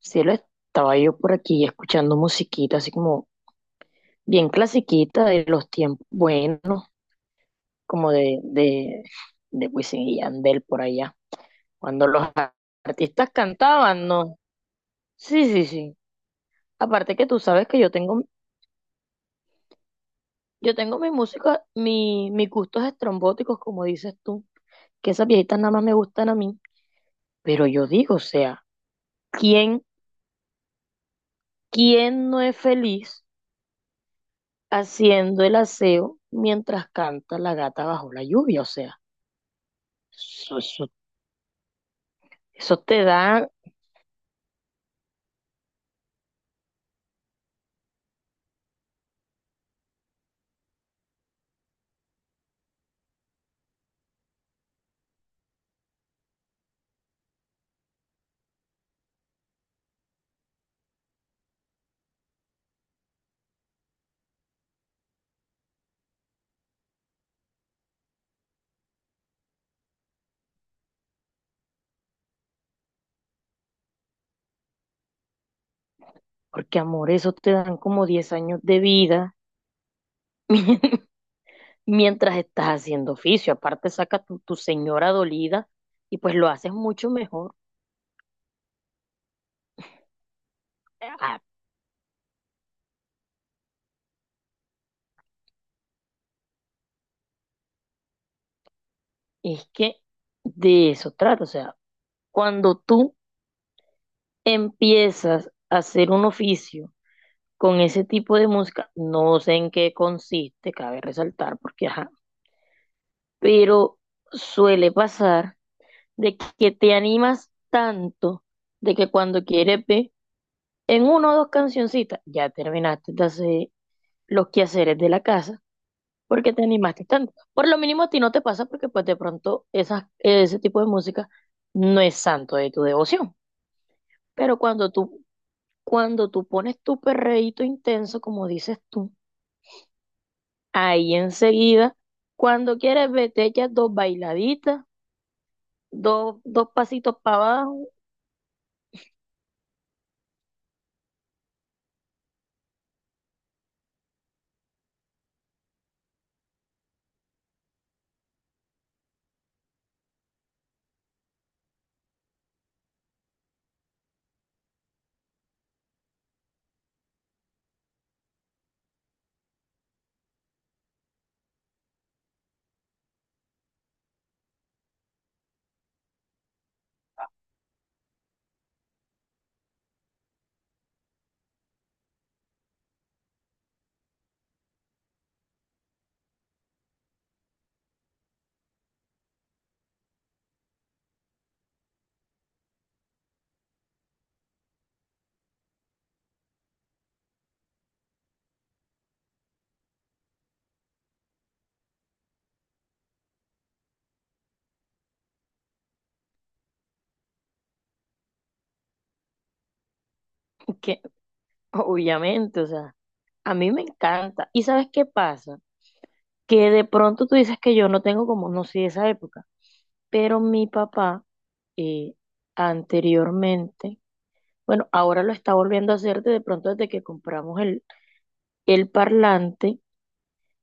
Sí, lo estaba yo por aquí escuchando musiquita, así como bien clasiquita de los tiempos buenos, como de Wisin y Yandel por allá, cuando los artistas cantaban, ¿no? Sí, sí, sí. Aparte que tú sabes que yo tengo mi música, mis gustos estrombóticos, como dices tú, que esas viejitas nada más me gustan a mí, pero yo digo, o sea, ¿quién, ¿quién no es feliz haciendo el aseo mientras canta la gata bajo la lluvia? O sea. Eso, eso, eso te da, porque amor, eso te dan como 10 años de vida mientras estás haciendo oficio. Aparte, saca tu señora dolida y pues lo haces mucho mejor. Ah, es que de eso trata. O sea, cuando tú empiezas a hacer un oficio con ese tipo de música, no sé en qué consiste, cabe resaltar, porque ajá, pero suele pasar de que te animas tanto de que cuando quieres ver. En uno o dos cancioncitas ya terminaste de hacer los quehaceres de la casa porque te animaste tanto. Por lo mínimo a ti no te pasa porque pues de pronto esas, ese tipo de música no es santo de tu devoción. Pero cuando tú pones tu perreíto intenso, como dices tú, ahí enseguida, cuando quieres ver, te echas dos bailaditas, dos pasitos para abajo, que obviamente, o sea, a mí me encanta. ¿Y sabes qué pasa? Que de pronto tú dices que yo no tengo como, no sé, esa época, pero mi papá eh, anteriormente, bueno, ahora lo está volviendo a hacer de pronto desde que compramos el parlante,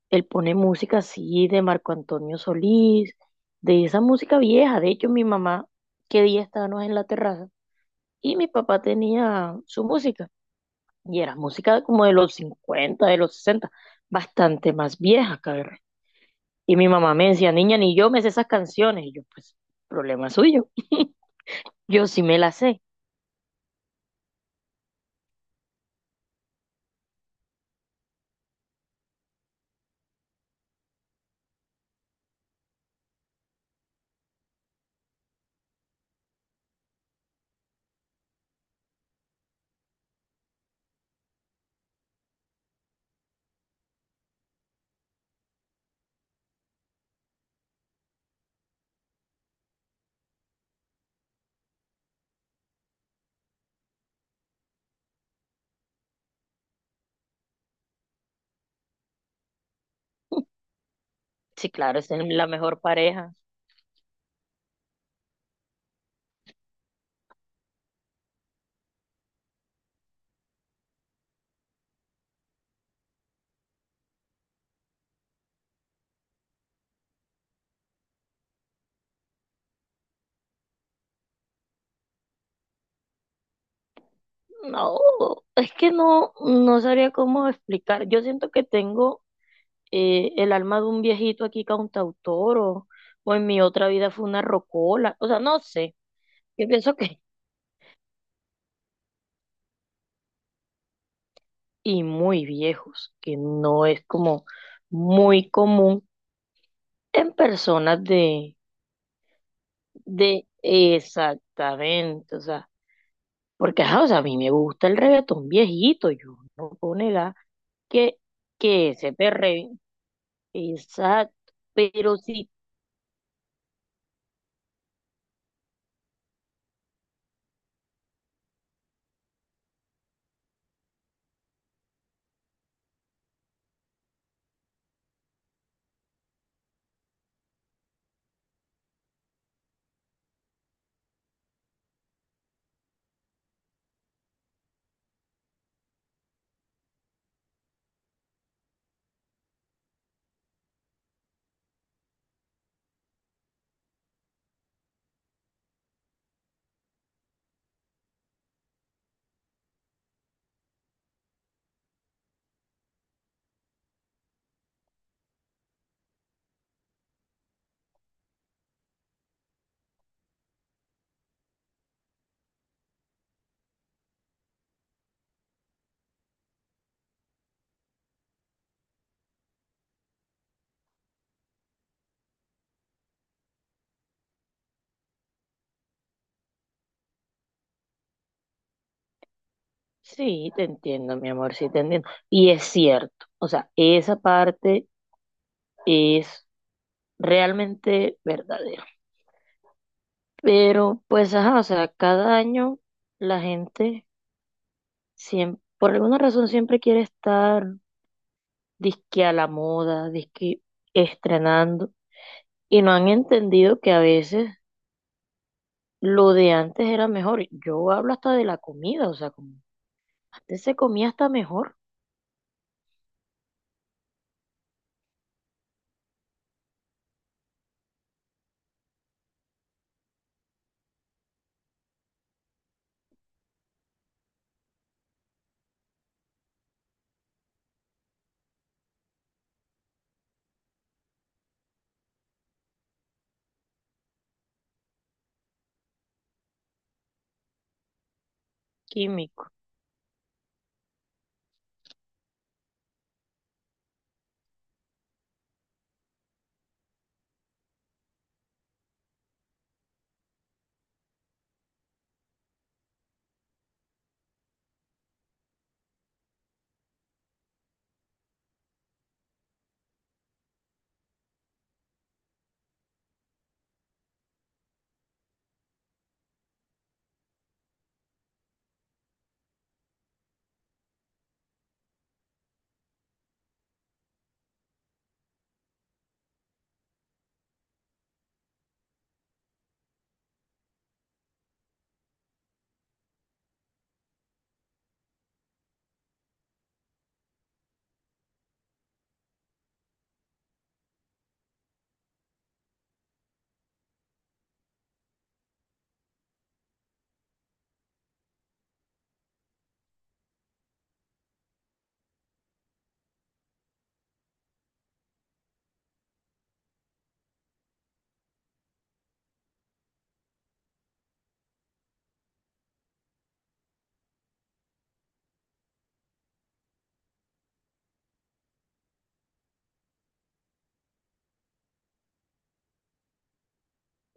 él pone música así de Marco Antonio Solís, de esa música vieja, de hecho mi mamá, que día estábamos en la terraza, y mi papá tenía su música, y era música como de los 50 de los 60 bastante más vieja, cabe. Y mi mamá me decía, niña, ni yo me sé esas canciones. Y yo, pues, problema suyo. Yo sí me las sé. Sí, claro, es la mejor pareja. No, es que no, no sabría cómo explicar. Yo siento que tengo el alma de un viejito aquí cantautor o en mi otra vida fue una rocola. O sea, no sé. Yo pienso que, y muy viejos, que no es como muy común en personas de, exactamente, o sea. Porque, ajá, o sea, a mí me gusta el reggaetón viejito, yo no puedo negar que, que ese perreo, exacto, pero sí, sí, te entiendo, mi amor, sí te entiendo. Y es cierto, o sea, esa parte es realmente verdadera. Pero, pues, ajá, o sea, cada año la gente siempre, por alguna razón siempre quiere estar disque a la moda, disque estrenando, y no han entendido que a veces lo de antes era mejor. Yo hablo hasta de la comida, o sea, como antes se comía hasta mejor químico.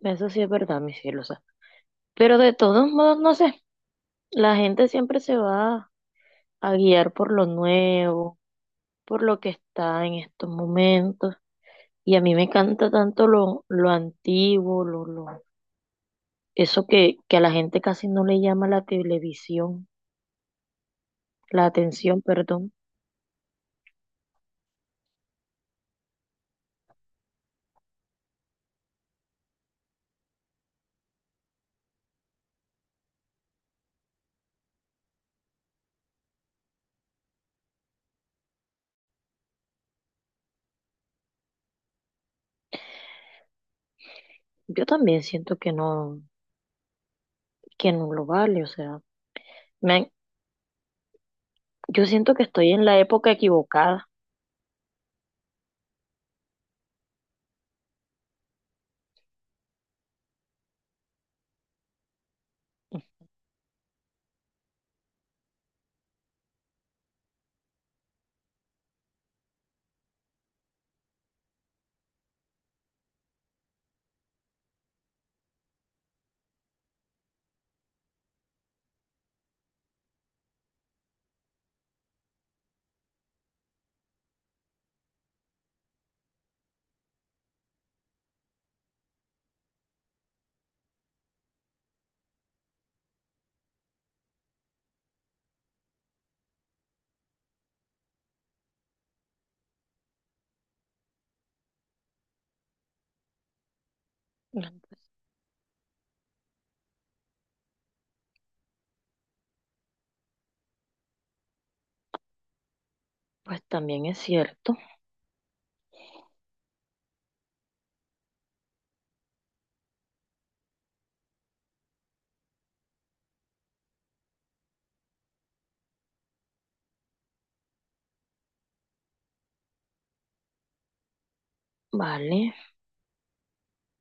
Eso sí es verdad, mi cielo, o sea. Pero de todos modos, no sé, la gente siempre se va a guiar por lo nuevo, por lo que está en estos momentos. Y a mí me encanta tanto lo antiguo, eso que a la gente casi no le llama la televisión, la atención, perdón. Yo también siento que no lo vale, o sea. Me, yo siento que estoy en la época equivocada. Pues pues también es cierto, vale.